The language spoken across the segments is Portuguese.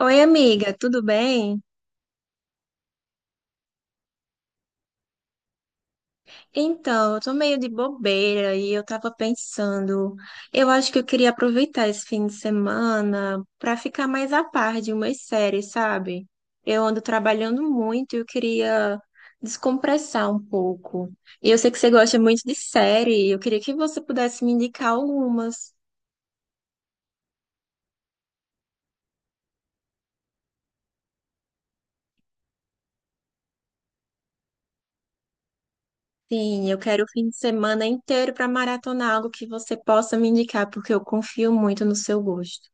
Oi, amiga, tudo bem? Então, eu tô meio de bobeira e eu tava pensando, eu acho que eu queria aproveitar esse fim de semana pra ficar mais a par de umas séries, sabe? Eu ando trabalhando muito e eu queria descompressar um pouco. E eu sei que você gosta muito de série, e eu queria que você pudesse me indicar algumas. Sim, eu quero o fim de semana inteiro pra maratonar algo que você possa me indicar, porque eu confio muito no seu gosto.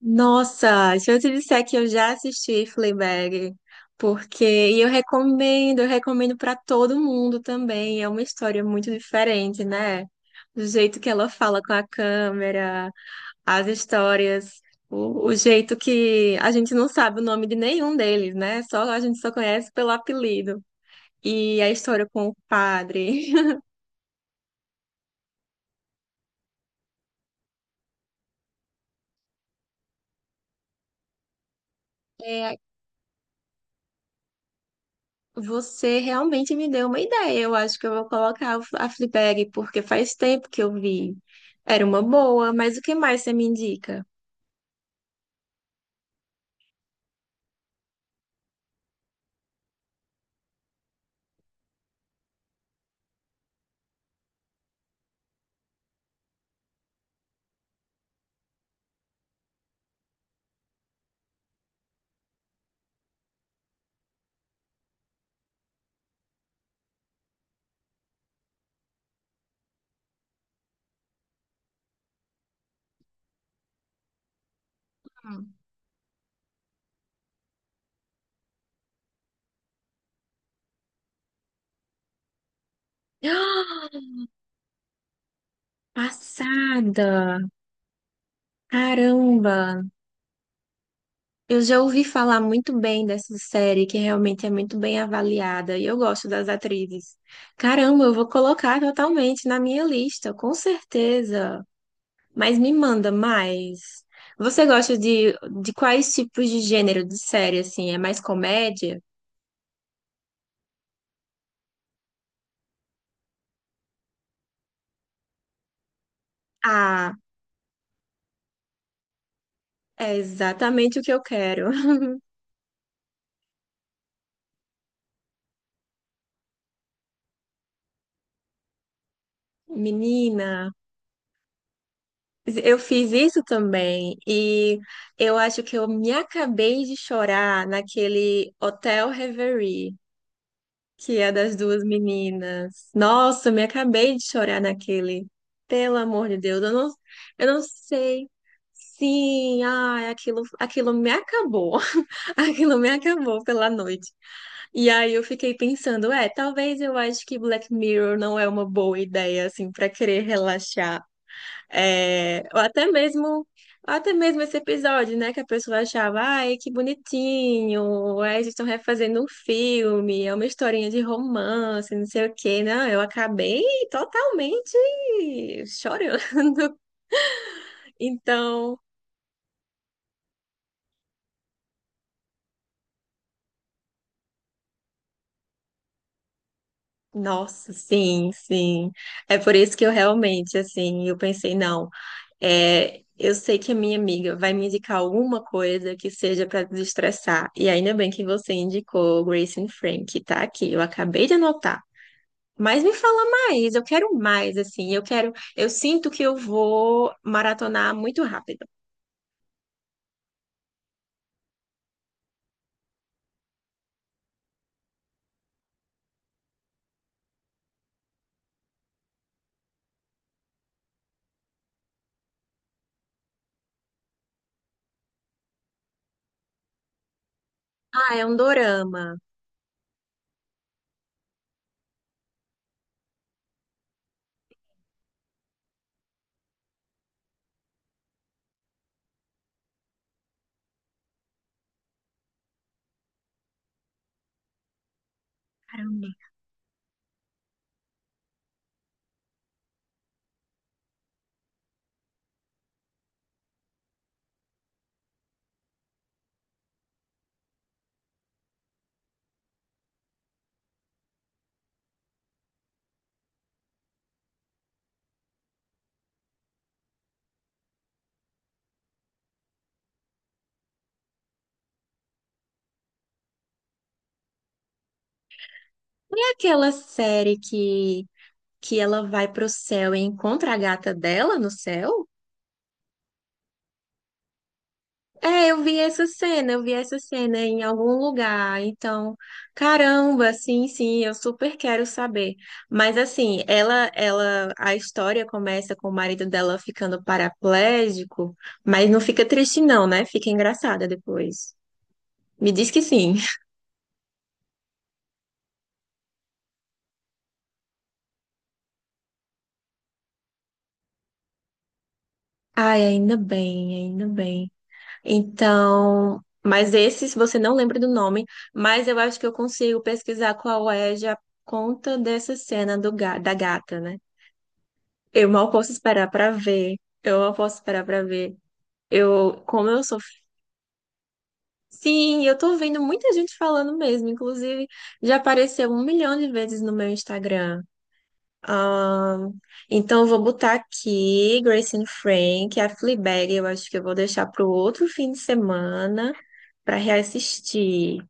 Nossa, se eu te disser que eu já assisti Fleabag, porque eu recomendo para todo mundo também. É uma história muito diferente, né? Do jeito que ela fala com a câmera, as histórias, o jeito que a gente não sabe o nome de nenhum deles, né? Só a gente só conhece pelo apelido. E a história com o padre. Você realmente me deu uma ideia. Eu acho que eu vou colocar a Fleabag, porque faz tempo que eu vi. Era uma boa, mas o que mais você me indica? Hum. Passada! Caramba! Eu já ouvi falar muito bem dessa série, que realmente é muito bem avaliada, e eu gosto das atrizes. Caramba, eu vou colocar totalmente na minha lista, com certeza. Mas me manda mais. Você gosta de, de quais tipos de gênero de série, assim? É mais comédia? Ah, é exatamente o que eu quero. Menina, eu fiz isso também e eu acho que eu me acabei de chorar naquele Hotel Reverie, que é das duas meninas. Nossa, eu me acabei de chorar naquele. Pelo amor de Deus, eu não sei. Sim, ai, aquilo me acabou. Aquilo me acabou pela noite. E aí eu fiquei pensando, é, talvez eu acho que Black Mirror não é uma boa ideia, assim, para querer relaxar. É, ou até mesmo, até mesmo esse episódio, né, que a pessoa achava, ai, que bonitinho, é, eles estão refazendo um filme, é uma historinha de romance, não sei o quê. Não, eu acabei totalmente chorando. Então, nossa, sim, sim. É por isso que eu realmente, assim, eu pensei, não. É, eu sei que a minha amiga vai me indicar alguma coisa que seja para desestressar. E ainda bem que você indicou Grace and Frank, que tá aqui. Eu acabei de anotar. Mas me fala mais, eu quero mais, assim, eu quero, eu sinto que eu vou maratonar muito rápido. Ah, é um dorama. Caramba. É aquela série que ela vai pro céu e encontra a gata dela no céu? É, eu vi essa cena, eu vi essa cena em algum lugar. Então, caramba, sim, sim, eu super quero saber. Mas assim, a história começa com o marido dela ficando paraplégico, mas não fica triste não, né? Fica engraçada depois. Me diz que sim. Ai, ainda bem, ainda bem. Então, mas esse, se você não lembra do nome, mas eu acho que eu consigo pesquisar qual é já por conta dessa cena do, da gata, né? Eu mal posso esperar pra ver. Eu mal posso esperar pra ver. Eu, como eu sou. Sim, eu tô vendo muita gente falando mesmo. Inclusive, já apareceu um milhão de vezes no meu Instagram. Ahn, então, eu vou botar aqui Grace and Frank, a Fleabag. Eu acho que eu vou deixar pro outro fim de semana pra reassistir.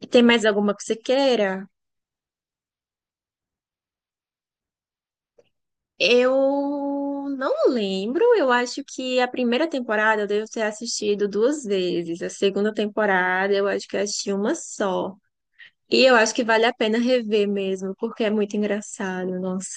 E tem mais alguma que você queira? Eu não lembro, eu acho que a primeira temporada eu devo ter assistido duas vezes, a segunda temporada eu acho que eu assisti uma só. E eu acho que vale a pena rever mesmo, porque é muito engraçado, nossa.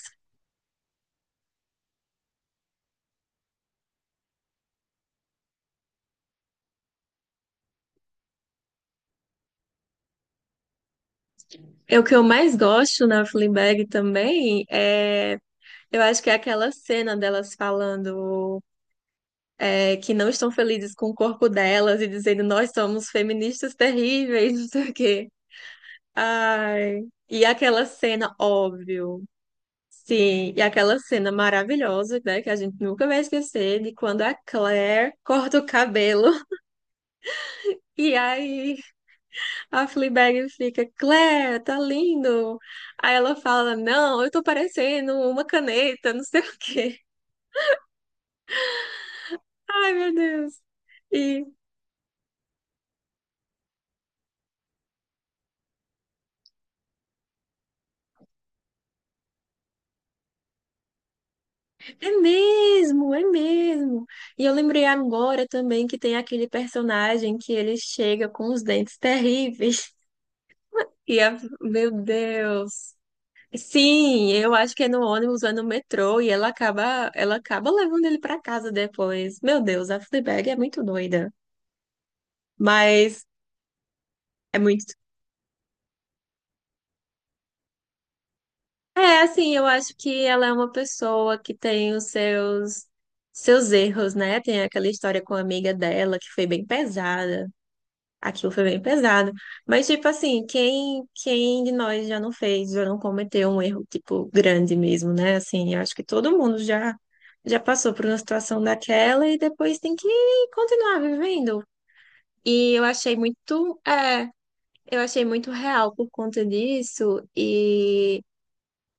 É o que eu mais gosto na Fleabag também, é, eu acho que é aquela cena delas falando é, que não estão felizes com o corpo delas e dizendo nós somos feministas terríveis, não sei o quê. Ai, e aquela cena, óbvio. Sim, e aquela cena maravilhosa, né, que a gente nunca vai esquecer, de quando a Claire corta o cabelo e aí a Fleabag fica, Claire, tá lindo. Aí ela fala, não, eu tô parecendo uma caneta, não sei o quê. Ai, meu Deus. E é mesmo, é mesmo. E eu lembrei agora também que tem aquele personagem que ele chega com os dentes terríveis. E a... Meu Deus. Sim, eu acho que é no ônibus, é no metrô e ela acaba levando ele pra casa depois. Meu Deus, a Fleabag é muito doida, mas é muito. É, assim, eu acho que ela é uma pessoa que tem os seus erros, né? Tem aquela história com a amiga dela que foi bem pesada. Aquilo foi bem pesado. Mas, tipo assim, quem de nós já não fez, já não cometeu um erro, tipo, grande mesmo, né? Assim, eu acho que todo mundo já passou por uma situação daquela e depois tem que continuar vivendo. E eu achei muito, é, eu achei muito real por conta disso. E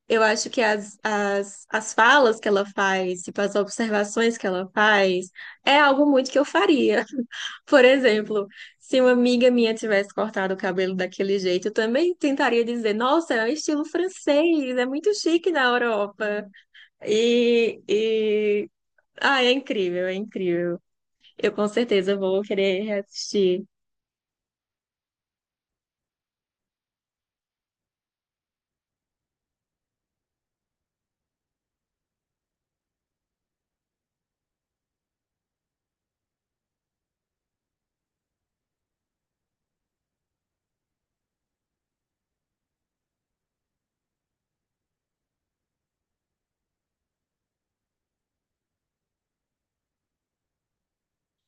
eu acho que as falas que ela faz, tipo, as observações que ela faz, é algo muito que eu faria. Por exemplo, se uma amiga minha tivesse cortado o cabelo daquele jeito, eu também tentaria dizer, nossa, é um estilo francês, é muito chique na Europa. E... Ah, é incrível, é incrível. Eu com certeza vou querer reassistir.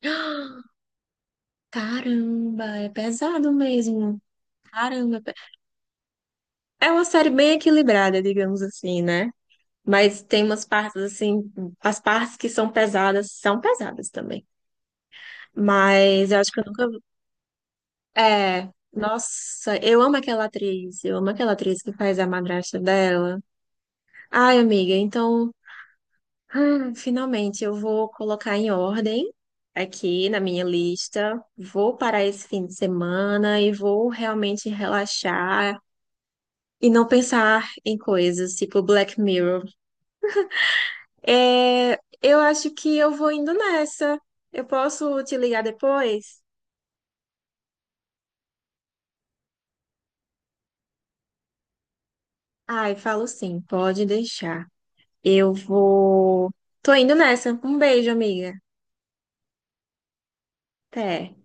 Caramba, é pesado mesmo. Caramba, é uma série bem equilibrada, digamos assim, né? Mas tem umas partes assim, as partes que são pesadas também. Mas eu acho que eu nunca. É, nossa, eu amo aquela atriz, eu amo aquela atriz que faz a madrasta dela. Ai, amiga, então, finalmente eu vou colocar em ordem aqui na minha lista. Vou parar esse fim de semana e vou realmente relaxar e não pensar em coisas tipo Black Mirror. É, eu acho que eu vou indo nessa. Eu posso te ligar depois? Ai, falo sim, pode deixar. Eu vou. Tô indo nessa. Um beijo, amiga. Até.